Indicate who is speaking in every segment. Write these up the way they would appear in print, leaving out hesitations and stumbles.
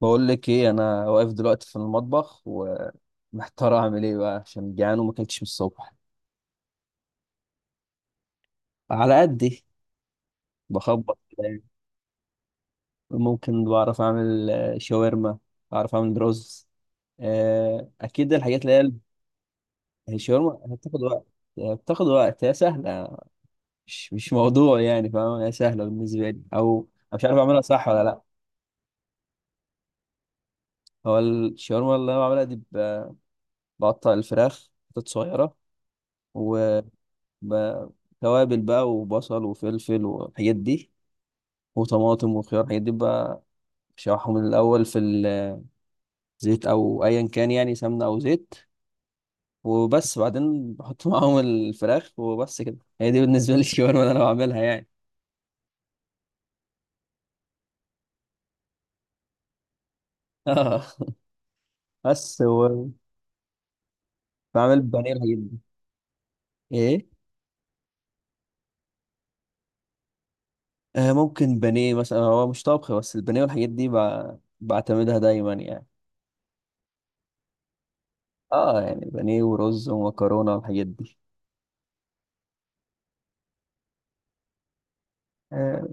Speaker 1: بقول لك ايه، انا واقف دلوقتي في المطبخ ومحتار اعمل ايه بقى عشان جعان وما اكلتش من الصبح. على قدي. بخبط كده يعني. ممكن بعرف اعمل شاورما. بعرف اعمل رز. اكيد الحاجات اللي هي هي الشاورما هتاخد وقت. هي بتاخد وقت، هي سهله. مش موضوع يعني، فاهم؟ هي سهله بالنسبه لي. او انا مش عارف اعملها صح ولا لا. هو الشاورما اللي انا بعملها دي بقطع الفراخ حتت صغيره بقى. توابل بقى وبصل وفلفل والحاجات دي، وطماطم وخيار الحاجات دي بقى. بشوحهم من الأول في الزيت أو أيا كان يعني، سمنة أو زيت، وبس. بعدين بحط معاهم الفراخ وبس كده. هي دي بالنسبة لي الشاورما اللي أنا بعملها يعني. اه بس هو بعمل بانيه والحاجات دي. إيه؟ آه، ممكن بانيه مثلا. هو مش طبخ، بس البانيه والحاجات دي بعتمدها دايما يعني. اه يعني بانيه ورز ومكرونة والحاجات دي. آه،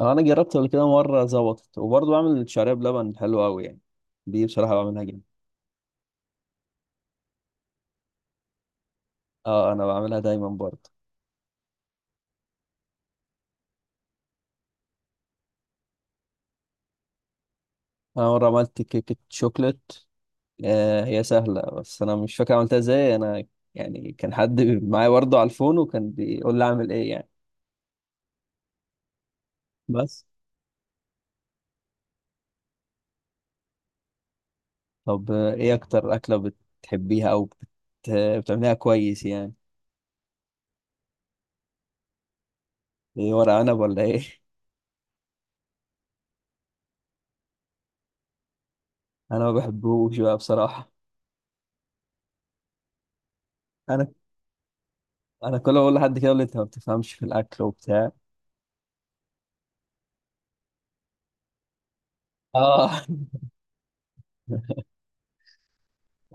Speaker 1: انا جربت قبل كده مره ظبطت، وبرضه بعمل الشعريه بلبن حلوه قوي يعني. دي بصراحه بعملها جدا. اه انا بعملها دايما برضه. انا مره عملت كيكه شوكليت. آه، هي سهله بس انا مش فاكر عملتها ازاي انا. يعني كان حد معايا برضه على الفون وكان بيقول لي اعمل ايه يعني. بس طب ايه اكتر اكله بتحبيها او بتعمليها كويس يعني؟ ايه، ورق عنب ولا ايه؟ انا ما بحبوش بقى بصراحه. انا انا كل ما اقول لحد كده يقول لي انت ما بتفهمش في الاكل وبتاع. اه.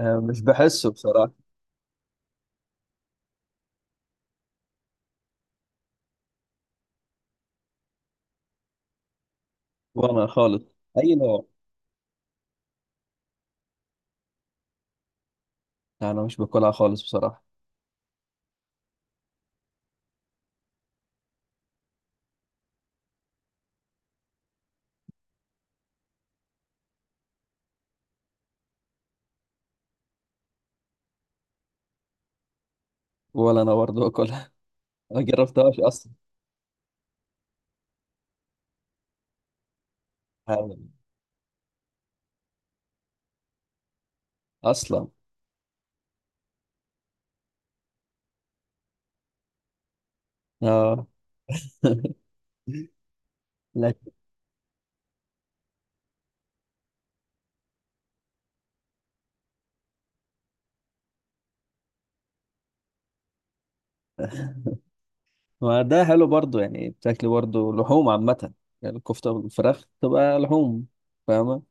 Speaker 1: مش بحسه بصراحة. وأنا خالص. أي نوع؟ أنا مش باكلها خالص بصراحة. ولا أنا برضه باكلها. ما جربتهاش أصلا. آه، أصلا. آه. لكن. ما ده حلو برضه يعني، بتاكلي برضه لحوم عامة. يعني الكفتة والفراخ تبقى لحوم، فاهمة؟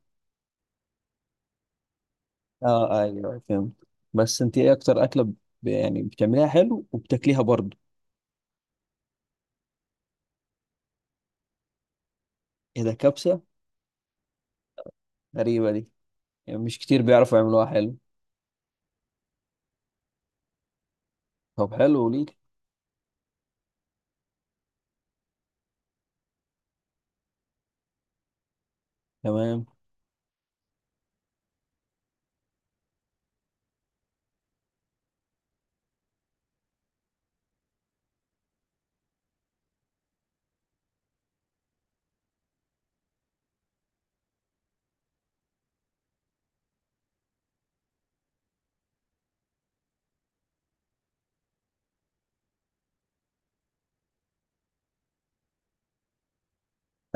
Speaker 1: آه أيوه، فهمت. بس أنت إيه أكتر أكلة يعني بتعمليها حلو وبتاكليها برضه؟ إيه ده، كبسة؟ غريبة دي، يعني مش كتير بيعرفوا يعملوها حلو. طب حلو ليك. تمام.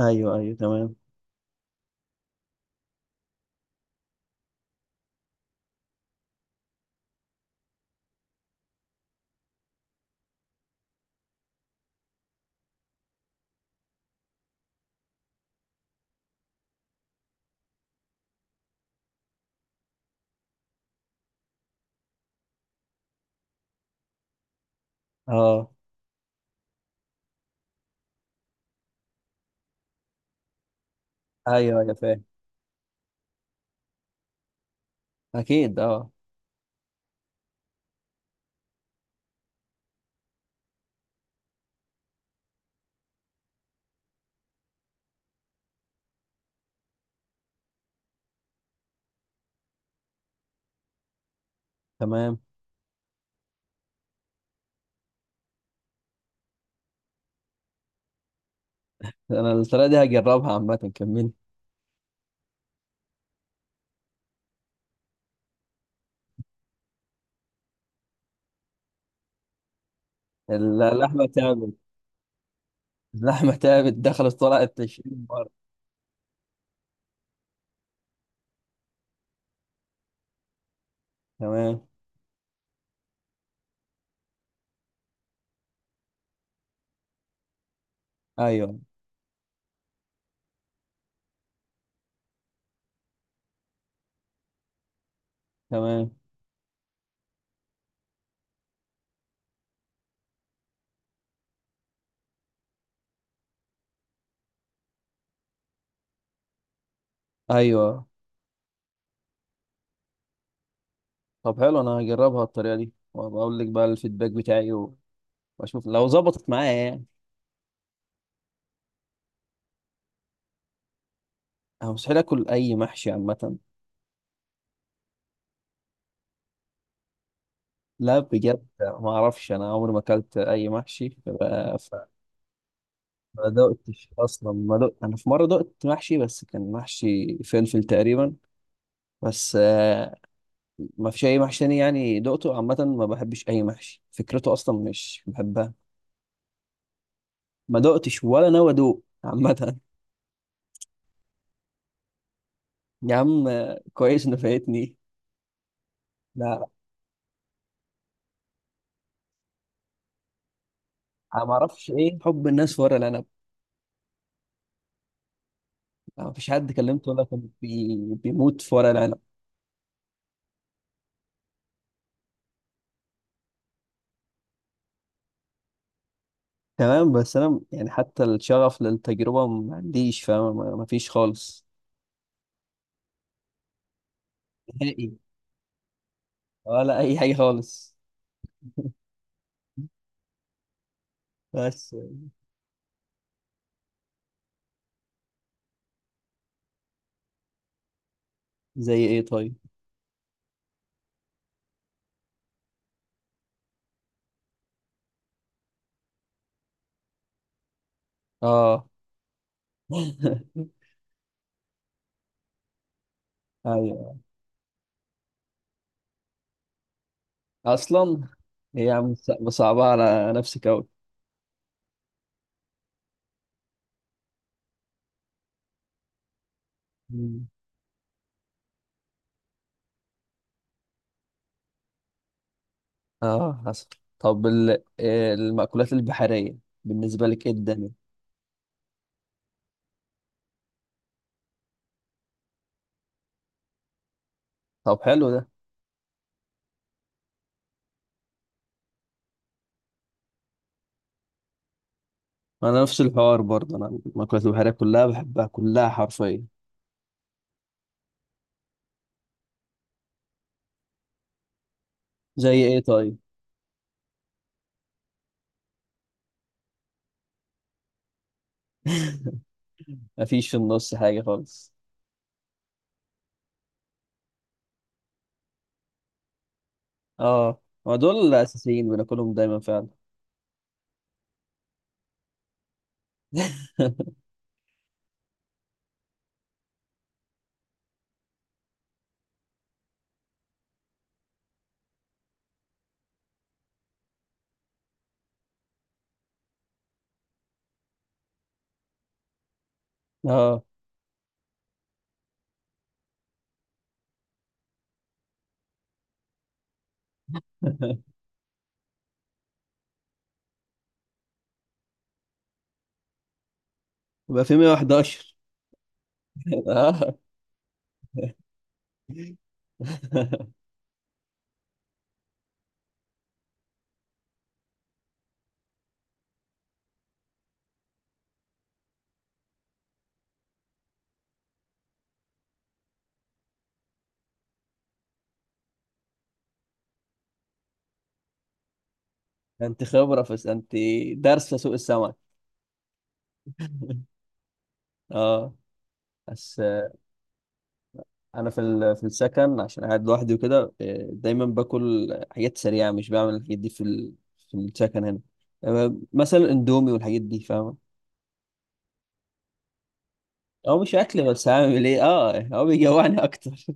Speaker 1: ايوه ايوه تمام. اه. ايوه ايوه فاهم. اكيد اه. تمام. انا الطريقه دي هجربها عامه، كمل. اللحمه تعبت. اللحمه تعبت، دخلت طلعت 20 مره. تمام. ايوه تمام. ايوه. طب حلو، انا هجربها الطريقه دي وبقول لك بقى الفيدباك بتاعي و، واشوف لو ظبطت معايا يعني. انا مستحيل اكل اي محشي عامه. لا بجد ما اعرفش، انا عمري ما اكلت اي محشي فبقى. فما دقتش اصلا، ما دقت. انا في مره دقت محشي بس كان محشي فلفل تقريبا بس. ما فيش اي محشي تاني يعني دقته عامه. ما بحبش اي محشي، فكرته اصلا مش بحبها. ما دقتش ولا ناوي ادوق عامه. يا عم كويس انه فايتني. لا انا ما اعرفش ايه حب الناس في ورق العنب. ما فيش حد كلمته ولا كان بيموت في ورق العنب. تمام، بس انا يعني حتى الشغف للتجربه ما عنديش، فاهم؟ ما فيش خالص. نهائي، ولا اي حاجه خالص. بس. زي ايه طيب؟ اه. ايوه اصلا. هي يا عم صعبة على نفسك اوي. مم. اه حصل. طب المأكولات البحرية بالنسبة لك ايه الدنيا؟ طب حلو ده. انا نفس الحوار برضه، انا المأكولات البحرية كلها بحبها كلها حرفيا. زي ايه طيب؟ مفيش في النص حاجة خالص. اه، ما دول الاساسيين بناكلهم دايما فعلا. اه، يبقى في 111. اه. انت خبرة في، انت دارسة سوق السمك. اه. بس انا في في السكن عشان قاعد لوحدي وكده، دايما باكل حاجات سريعه، مش بعمل الحاجات دي في في السكن هنا. مثلا اندومي والحاجات دي، فاهمه؟ او مش اكل بس هعمل ايه؟ اه هو بيجوعني اكتر.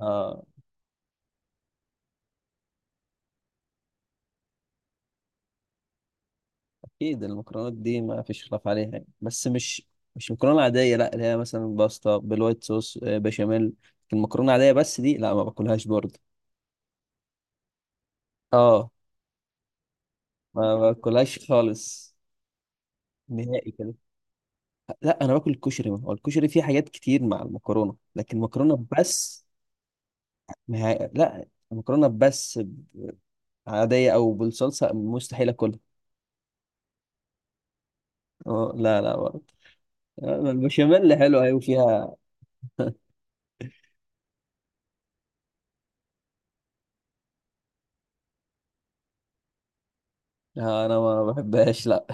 Speaker 1: اه اكيد، المكرونات دي ما فيش خلاف عليها يعني. بس مش مكرونه عاديه لا، اللي هي مثلا باستا بالوايت صوص، بشاميل. المكرونه العاديه بس دي لا ما باكلهاش برضه. اه ما باكلهاش خالص، نهائي كده. لا انا باكل الكشري، هو الكشري فيه حاجات كتير مع المكرونه، لكن مكرونه بس. ما هي... لا، مكرونه بس، عاديه او بالصلصه، مستحيل اكلها. اه لا لا برضه. البشاميل حلوه ايوه، فيها. انا ما بحبهاش لا.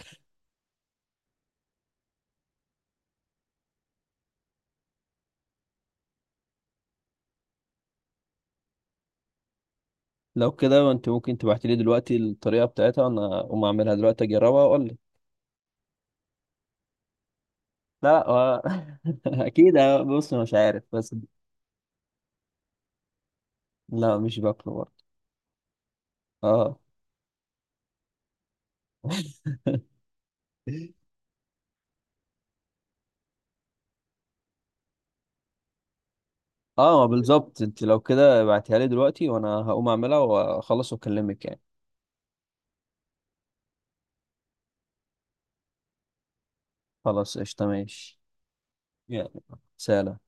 Speaker 1: لو كده انت ممكن تبعتي لي دلوقتي الطريقه بتاعتها، انا اقوم اعملها دلوقتي اجربها واقول لي. لا اكيد. آه، بص أنا مش عارف بس. لا مش باكله برضه. اه. اه بالظبط، انت لو كده ابعتيها لي دلوقتي وانا هقوم اعملها واخلص واكلمك يعني. خلاص قشطة، ماشي. يعني سلام.